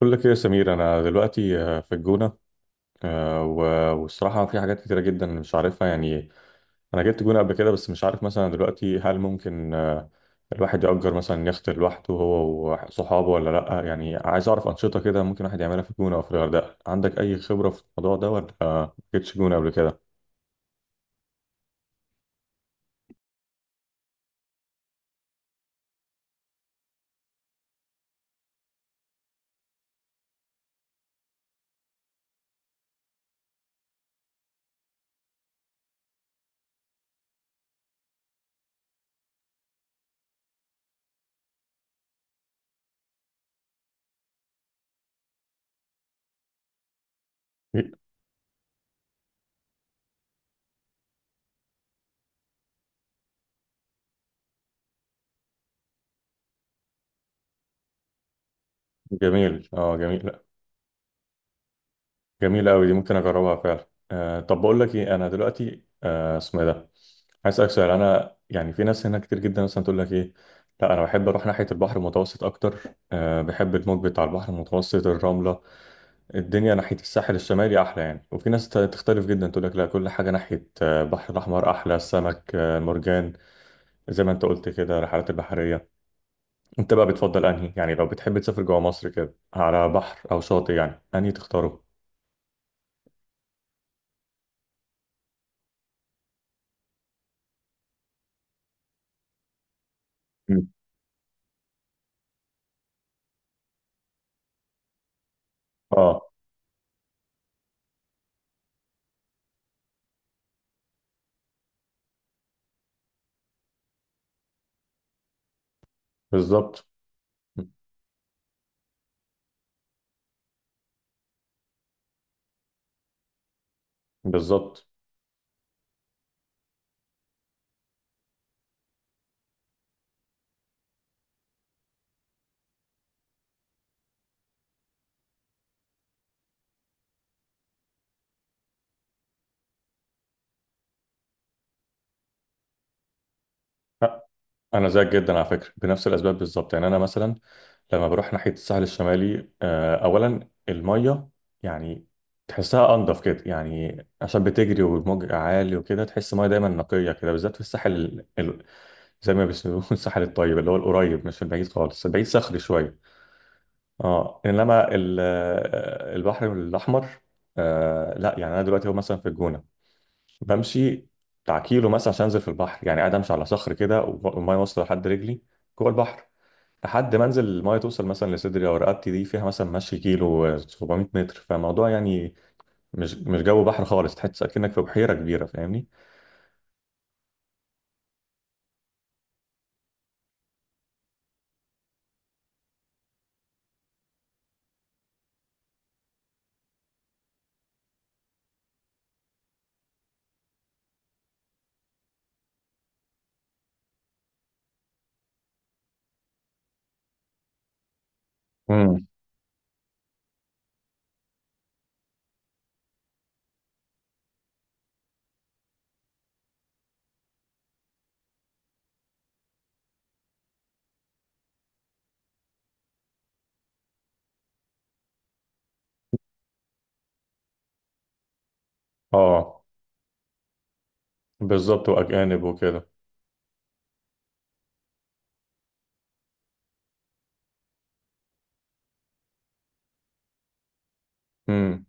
بقول لك ايه يا سمير، انا دلوقتي في الجونه. والصراحه في حاجات كتيره جدا مش عارفها يعني. انا جبت جونه قبل كده، بس مش عارف مثلا دلوقتي هل ممكن الواحد يأجر مثلا يخت لوحده هو وصحابه ولا لا، يعني عايز اعرف انشطه كده ممكن الواحد يعملها في الجونه او في الغردقه. عندك اي خبره في الموضوع ده؟ ولا ما جبتش جونه قبل كده؟ جميل، اه، جميل. جميلة أوي دي، ممكن أجربها فعلا. أه، طب بقول لك إيه، أنا دلوقتي اسمه إيه ده. عايز أسألك سؤال، أنا يعني في ناس هنا كتير جدا مثلا تقول لك إيه، لا أنا بحب أروح ناحية البحر المتوسط أكتر. أه، بحب الموج بتاع البحر المتوسط، الرملة، الدنيا ناحية الساحل الشمالي أحلى يعني. وفي ناس تختلف جدا، تقول لك لا، كل حاجة ناحية البحر الأحمر أحلى، السمك، المرجان، زي ما أنت قلت كده، الرحلات البحرية. أنت بقى بتفضل أنهي؟ يعني لو بتحب تسافر جوه مصر كده على بحر أو شاطئ، يعني أنهي تختاره؟ مم. اه، بالظبط، بالظبط. لا، انا زيك جدا على فكره، بنفس الاسباب بالظبط. يعني انا مثلا لما بروح ناحيه الساحل الشمالي، اولا الميه، يعني تحسها انضف كده، يعني عشان بتجري والموج عالي وكده، تحس الميه دايما نقيه كده، بالذات في الساحل زي ما بيسموه الساحل الطيب، اللي هو القريب، مش البعيد خالص، البعيد صخري شويه. اه، انما البحر الاحمر، لا، يعني انا دلوقتي هو مثلا في الجونه، بمشي بتاع كيلو مثلا عشان انزل في البحر، يعني قاعد امشي على صخر كده والميه واصله لحد رجلي، جوه البحر، لحد ما انزل الميه توصل مثلا لصدري او رقبتي. دي فيها مثلا مشي كيلو 700 متر، فالموضوع يعني مش جو بحر خالص، تحس اكنك في بحيره كبيره، فاهمني. امم. اه، بالظبط، واجانب وكده. امم.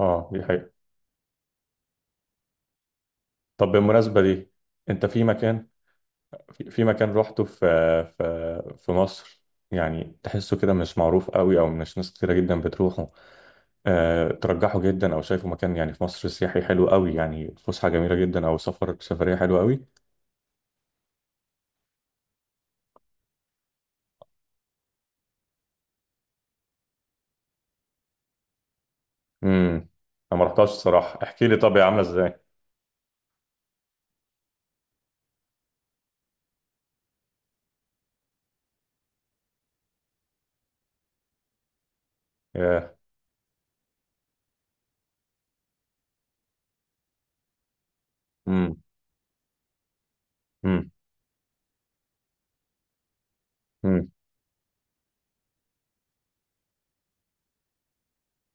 اه دي حقيقة. طب بالمناسبة دي، انت في مكان، في مكان روحته في، في مصر، يعني تحسه كده مش معروف قوي، او مش ناس كتيرة جدا بتروحه، ترجحه جدا، او شايفه مكان يعني في مصر سياحي حلو قوي، يعني فسحه جميله جدا، او سفر سفريه حلوه قوي؟ امم. انا ما رحتهاش الصراحه. احكي لي، طب هي عامله ازاي؟ ياه. امم. امم. امم.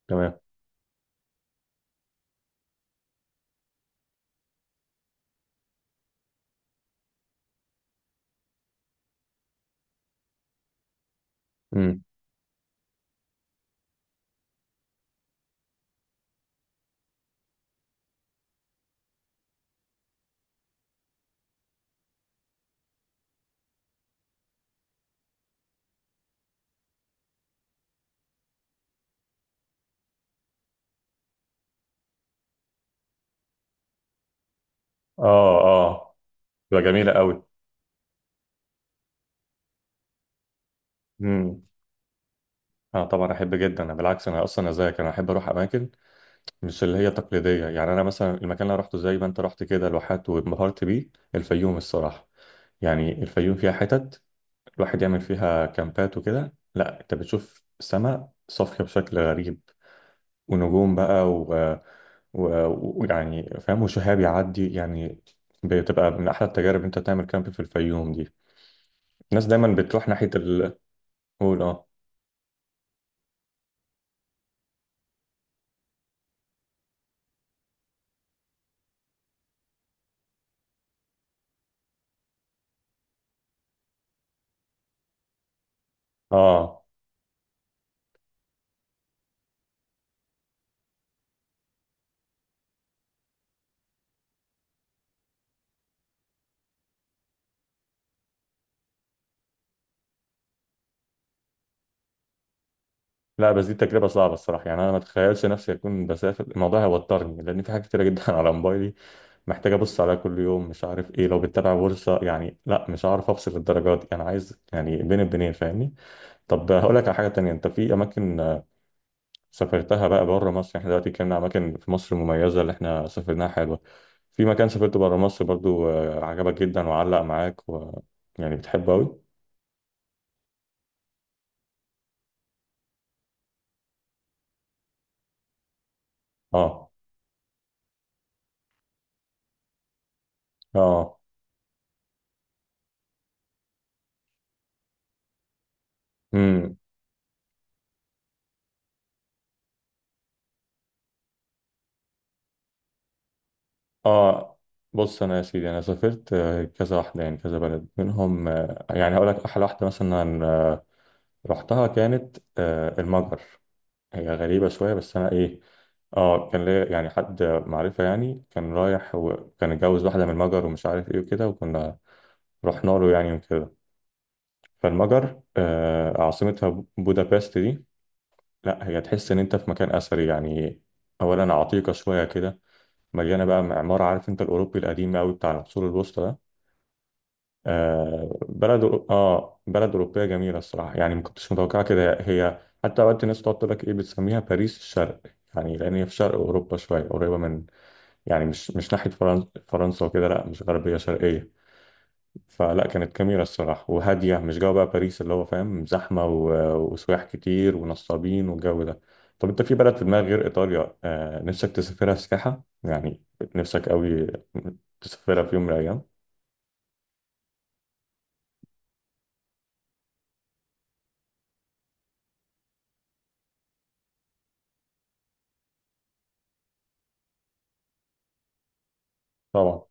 تمام. امم. اه، اه. تبقى جميله قوي. امم. اه طبعا، احب جدا. انا بالعكس، انا اصلا زيك، انا احب اروح اماكن مش اللي هي تقليديه. يعني انا مثلا المكان اللي أنا رحته زي ما انت رحت كده لوحات وانبهرت بيه، الفيوم الصراحه. يعني الفيوم فيها حتت الواحد يعمل فيها كامبات وكده. لا انت بتشوف سماء صافية بشكل غريب، ونجوم بقى، ويعني و... و- ويعني فاهم، وشهاب يعدي يعني. بتبقى من احلى التجارب إن انت تعمل كامب في الفيوم دي. الناس دايما بتروح ناحيه ال... قول، اه. اه. لا بس دي تجربه صعبه الصراحه، يعني انا ما اتخيلش نفسي اكون بسافر، الموضوع هيوترني، لان في حاجات كتيره جدا على موبايلي، محتاج ابص عليها كل يوم، مش عارف ايه، لو بتتابع بورصه يعني، لا مش عارف افصل للدرجات دي، انا عايز يعني بين البنين فاهمني. طب هقول لك على حاجة تانية، انت في اماكن سافرتها بقى بره مصر، يعني احنا دلوقتي اتكلمنا عن اماكن في مصر مميزة اللي احنا سافرناها حلوة، في مكان سافرته بره مصر برضو عجبك جدا وعلق معاك، و... يعني بتحبه قوي؟ اه، اه. امم. اه. بص، انا يا سيدي، انا سافرت كذا واحدة، يعني كذا بلد منهم، يعني هقول لك احلى واحدة مثلا رحتها، كانت المجر. هي غريبة شوية، بس أنا إيه، كان ليا يعني حد معرفة، يعني كان رايح وكان اتجوز واحدة من المجر ومش عارف إيه وكده، وكنا رحنا له يعني وكده. فالمجر عاصمتها بودابست دي، لا هي تحس إن أنت في مكان أثري يعني، أولا عتيقة شوية كده، مليانة بقى معمار، عارف أنت الأوروبي القديم أوي بتاع العصور الوسطى ده. آه بلد أورو- اه بلد اوروبيه جميله الصراحه، يعني ما كنتش متوقعه كده. هي حتى اوقات الناس تقعد تقول لك ايه، بتسميها باريس الشرق، يعني لان هي في شرق اوروبا شويه، قريبه من، يعني مش ناحيه فرنسا، فرنسا وكده، لا مش غربيه، شرقيه. فلا كانت جميله الصراحه وهاديه، مش جو بقى باريس اللي هو فاهم زحمه و- وسياح كتير ونصابين والجو ده. طب انت في بلد في دماغك غير ايطاليا نفسك تسافرها سياحه يعني، نفسك قوي تسافرها في يوم من الايام؟ طبعا.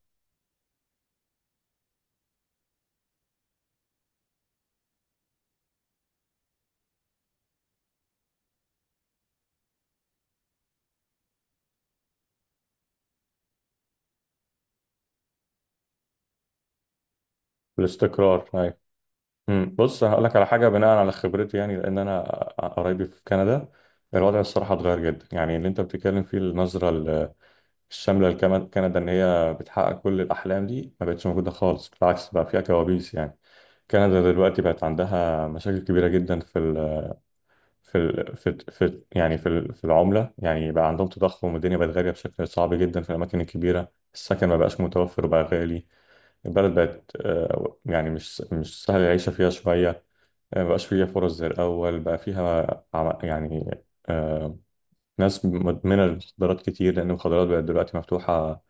الاستقرار، أيوه. مم. بص هقول لك على حاجه بناء على خبرتي، يعني لان انا قرايبي في كندا، الوضع الصراحه اتغير جدا، يعني اللي انت بتتكلم فيه النظره الشامله لكندا ان هي بتحقق كل الاحلام دي، ما بقتش موجوده خالص. بالعكس بقى فيها كوابيس يعني. كندا دلوقتي بقت عندها مشاكل كبيره جدا في ال في العمله، يعني بقى عندهم تضخم والدنيا بقت غاليه بشكل صعب جدا، في الاماكن الكبيره السكن ما بقاش متوفر وبقى غالي. البلد بقت يعني مش سهل العيشه فيها شويه، ما بقاش فيها فرص زي الأول، بقى فيها يعني آه، ناس مدمنة للمخدرات كتير، لأن المخدرات بقت دلوقتي مفتوحة،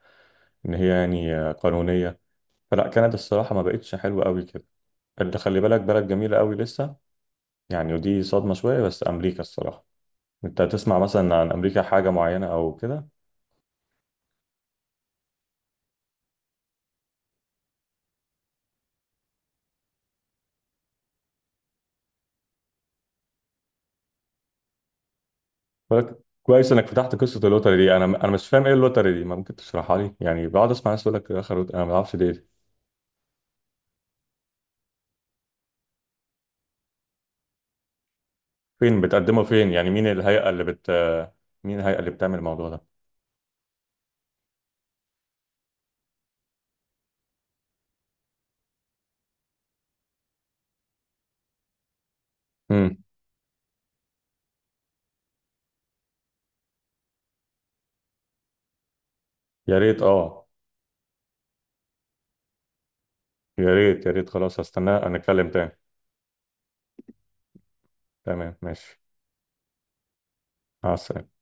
إن هي يعني قانونية. فلا، كانت الصراحة ما بقتش حلوة قوي كده، اللي خلي بالك، بلد جميلة قوي لسه، يعني ودي صدمة شوية. بس أمريكا الصراحة، أنت تسمع مثلا عن أمريكا حاجة معينة أو كده؟ بالك كويس إنك فتحت قصة اللوتري دي. أنا مش فاهم إيه اللوتري دي، ما ممكن تشرحها لي، يعني بقعد أسمع ناس تقول لك آخر، أنا ما أعرفش دي إيه. فين بتقدمه فين؟ يعني مين الهيئة اللي بت... مين الهيئة اللي بتعمل الموضوع ده؟ امم. يا ريت، اه، يا ريت، يا ريت. خلاص هستناه نتكلم تاني. تمام ماشي. مع السلامة.